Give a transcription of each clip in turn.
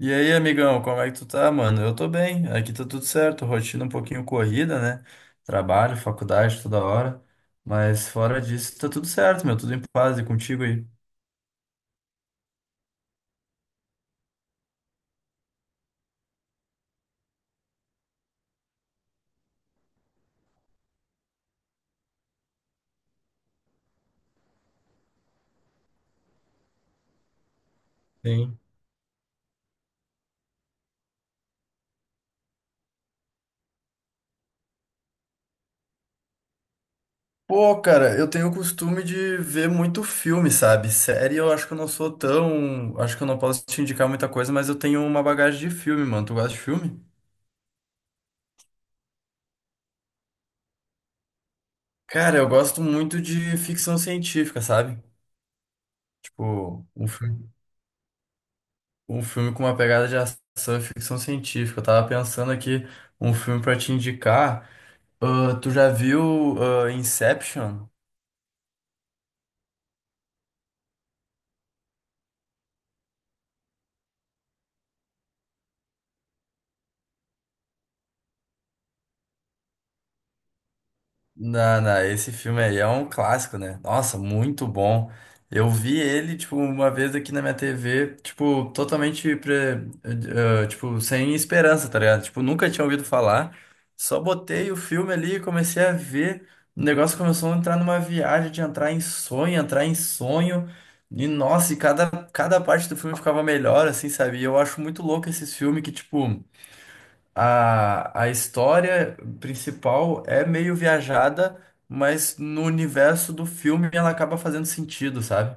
E aí, amigão, como é que tu tá, mano? Eu tô bem, aqui tá tudo certo, rotina um pouquinho corrida, né? Trabalho, faculdade toda hora, mas fora disso tá tudo certo, meu, tudo em paz e contigo aí. Sim. Pô, cara, eu tenho o costume de ver muito filme, sabe? Série eu acho que eu não sou tão. Acho que eu não posso te indicar muita coisa, mas eu tenho uma bagagem de filme, mano. Tu gosta de filme? Cara, eu gosto muito de ficção científica, sabe? Tipo, um filme. Um filme com uma pegada de ação e ficção científica. Eu tava pensando aqui um filme pra te indicar. Ah, tu já viu Inception? Não, não, esse filme aí é um clássico, né? Nossa, muito bom. Eu vi ele, tipo, uma vez aqui na minha TV, tipo, totalmente, tipo, sem esperança, tá ligado? Tipo, nunca tinha ouvido falar. Só botei o filme ali e comecei a ver. O negócio começou a entrar numa viagem de entrar em sonho, entrar em sonho. E, nossa, e cada parte do filme ficava melhor, assim, sabe? E eu acho muito louco esses filmes que, tipo, a história principal é meio viajada, mas no universo do filme ela acaba fazendo sentido, sabe?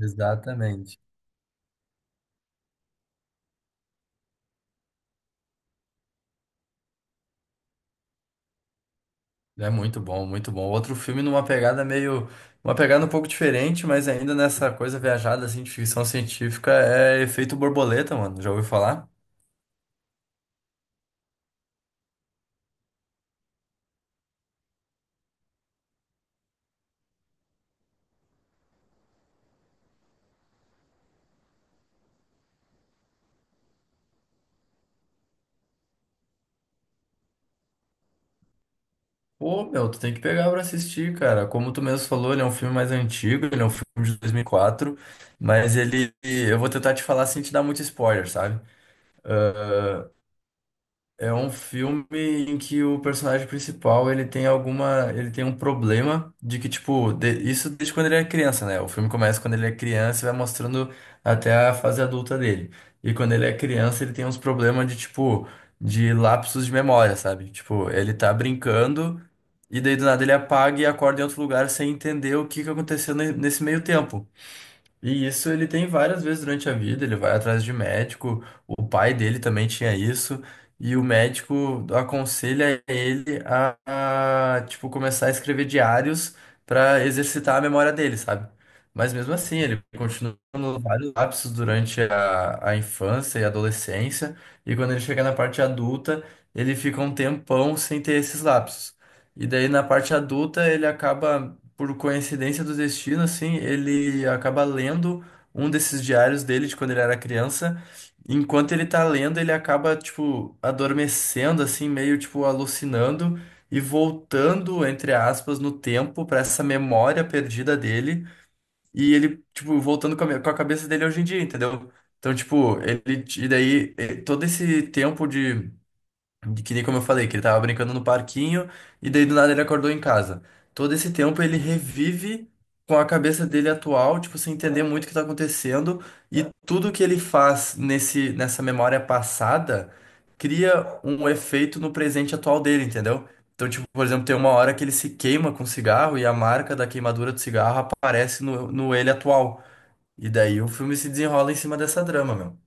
Exatamente. É muito bom, muito bom. Outro filme numa pegada meio, uma pegada um pouco diferente, mas ainda nessa coisa viajada assim de ficção científica é Efeito Borboleta, mano. Já ouviu falar? Pô, meu, tu tem que pegar pra assistir, cara. Como tu mesmo falou, ele é um filme mais antigo, ele é um filme de 2004, mas ele, eu vou tentar te falar sem te dar muito spoiler, sabe? É um filme em que o personagem principal, ele tem alguma, ele tem um problema de que, tipo, de- isso desde quando ele é criança, né? O filme começa quando ele é criança e vai mostrando até a fase adulta dele. E quando ele é criança, ele tem uns problemas de, tipo, de lapsos de memória, sabe? Tipo, ele tá brincando e daí do nada ele apaga e acorda em outro lugar sem entender o que que aconteceu nesse meio tempo. E isso ele tem várias vezes durante a vida, ele vai atrás de médico, o pai dele também tinha isso, e o médico aconselha ele tipo, começar a escrever diários para exercitar a memória dele, sabe? Mas mesmo assim, ele continua tendo vários lapsos durante a infância e adolescência, e quando ele chega na parte adulta, ele fica um tempão sem ter esses lapsos. E daí na parte adulta ele acaba por coincidência do destino, assim, ele acaba lendo um desses diários dele de quando ele era criança. Enquanto ele tá lendo, ele acaba, tipo, adormecendo, assim, meio, tipo, alucinando e voltando, entre aspas, no tempo pra essa memória perdida dele. E ele, tipo, voltando com com a cabeça dele hoje em dia, entendeu? Então, tipo, ele, e daí, todo esse tempo de que nem como eu falei, que ele tava brincando no parquinho e daí do nada ele acordou em casa. Todo esse tempo ele revive com a cabeça dele atual, tipo, sem entender muito o que tá acontecendo, e tudo que ele faz nessa memória passada cria um efeito no presente atual dele, entendeu? Então, tipo, por exemplo, tem uma hora que ele se queima com cigarro e a marca da queimadura do cigarro aparece no ele atual. E daí o filme se desenrola em cima dessa drama, meu.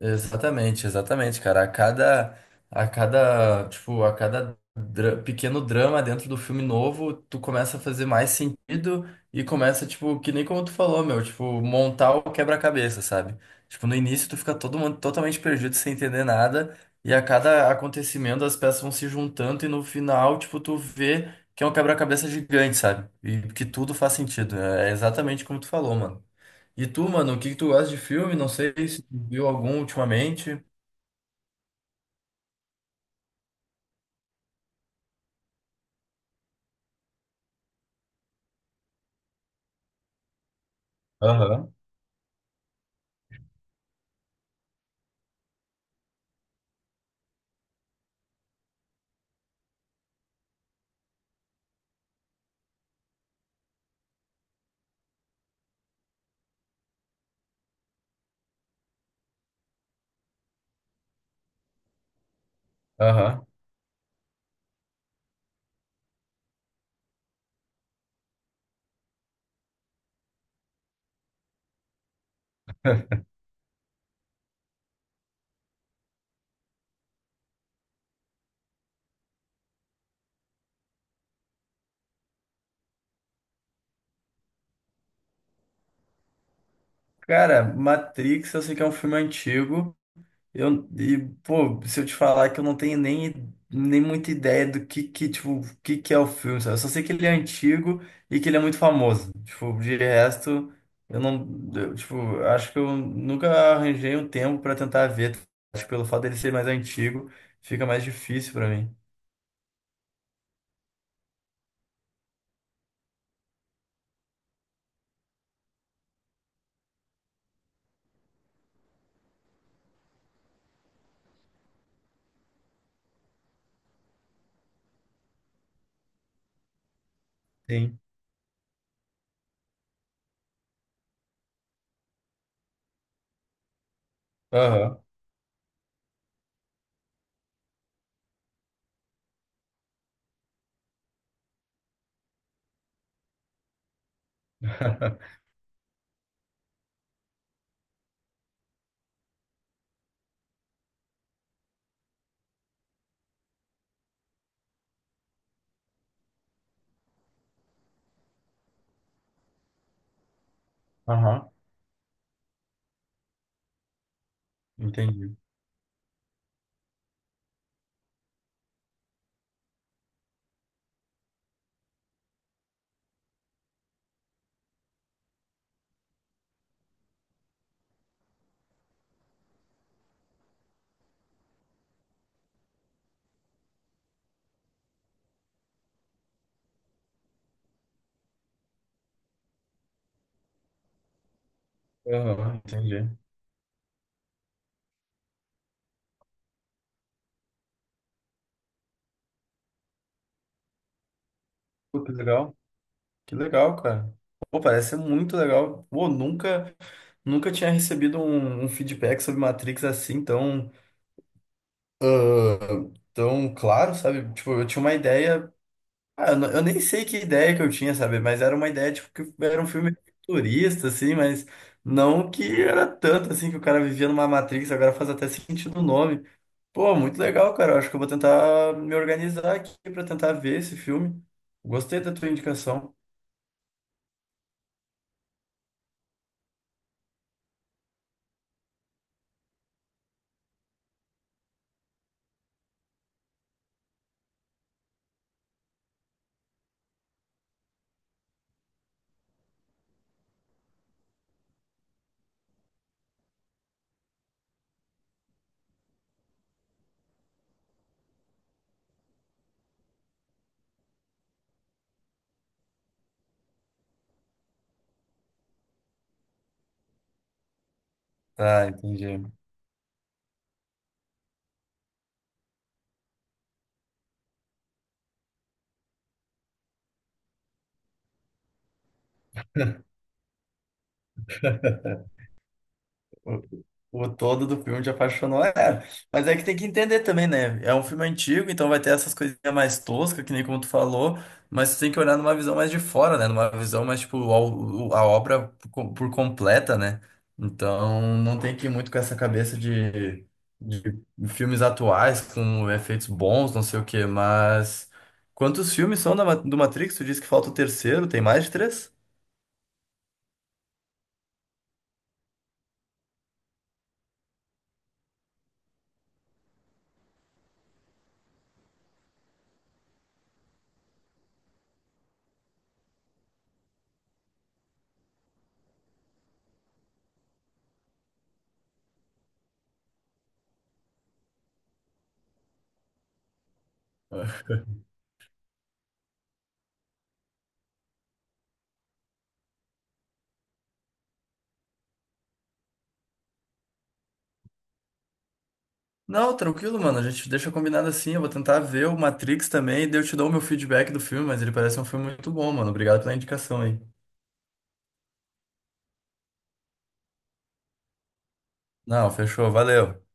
Exatamente, exatamente, cara. A cada pequeno drama dentro do filme novo, tu começa a fazer mais sentido e começa, tipo, que nem como tu falou, meu, tipo, montar o quebra-cabeça, sabe? Tipo, no início tu fica todo mundo totalmente perdido sem entender nada e a cada acontecimento as peças vão se juntando e no final, tipo, tu vê que é um quebra-cabeça gigante, sabe? E que tudo faz sentido. É exatamente como tu falou, mano. E tu, mano, o que que tu gosta de filme? Não sei se tu viu algum ultimamente. Aham, aham. Cara, Matrix, eu sei que é um filme antigo. Pô, se eu te falar que eu não tenho nem muita ideia do que, tipo, o que que é o filme, sabe? Eu só sei que ele é antigo e que ele é muito famoso. Tipo, de resto, eu não, eu, tipo, acho que eu nunca arranjei um tempo pra tentar ver. Acho que pelo fato dele ser mais antigo, fica mais difícil pra mim. Sim. Aham, aham. Entendi. Aham, entendi. Pô, que legal. Que legal, cara. Pô, parece ser muito legal. Pô, nunca, nunca tinha recebido um feedback sobre Matrix assim tão, ah, tão claro, sabe? Tipo, eu tinha uma ideia. Eu nem sei que ideia que eu tinha, sabe? Mas era uma ideia, tipo, que era um filme futurista, assim, mas não que era tanto assim que o cara vivia numa Matrix, agora faz até sentido o nome. Pô, muito legal, cara. Eu acho que eu vou tentar me organizar aqui pra tentar ver esse filme. Gostei da tua indicação. Tá, entendi. O todo do filme te apaixonou, é. Mas é que tem que entender também, né? É um filme antigo, então vai ter essas coisinhas mais toscas, que nem como tu falou, mas tu tem que olhar numa visão mais de fora, né? Numa visão mais, tipo, obra por completa, né? Então não tem que ir muito com essa cabeça de filmes atuais, com efeitos bons, não sei o quê, mas. Quantos filmes são da do Matrix? Tu disse que falta o terceiro, tem mais de três? Não, tranquilo, mano. A gente deixa combinado assim. Eu vou tentar ver o Matrix também, daí eu te dou o meu feedback do filme, mas ele parece um filme muito bom, mano. Obrigado pela indicação aí. Não, fechou. Valeu.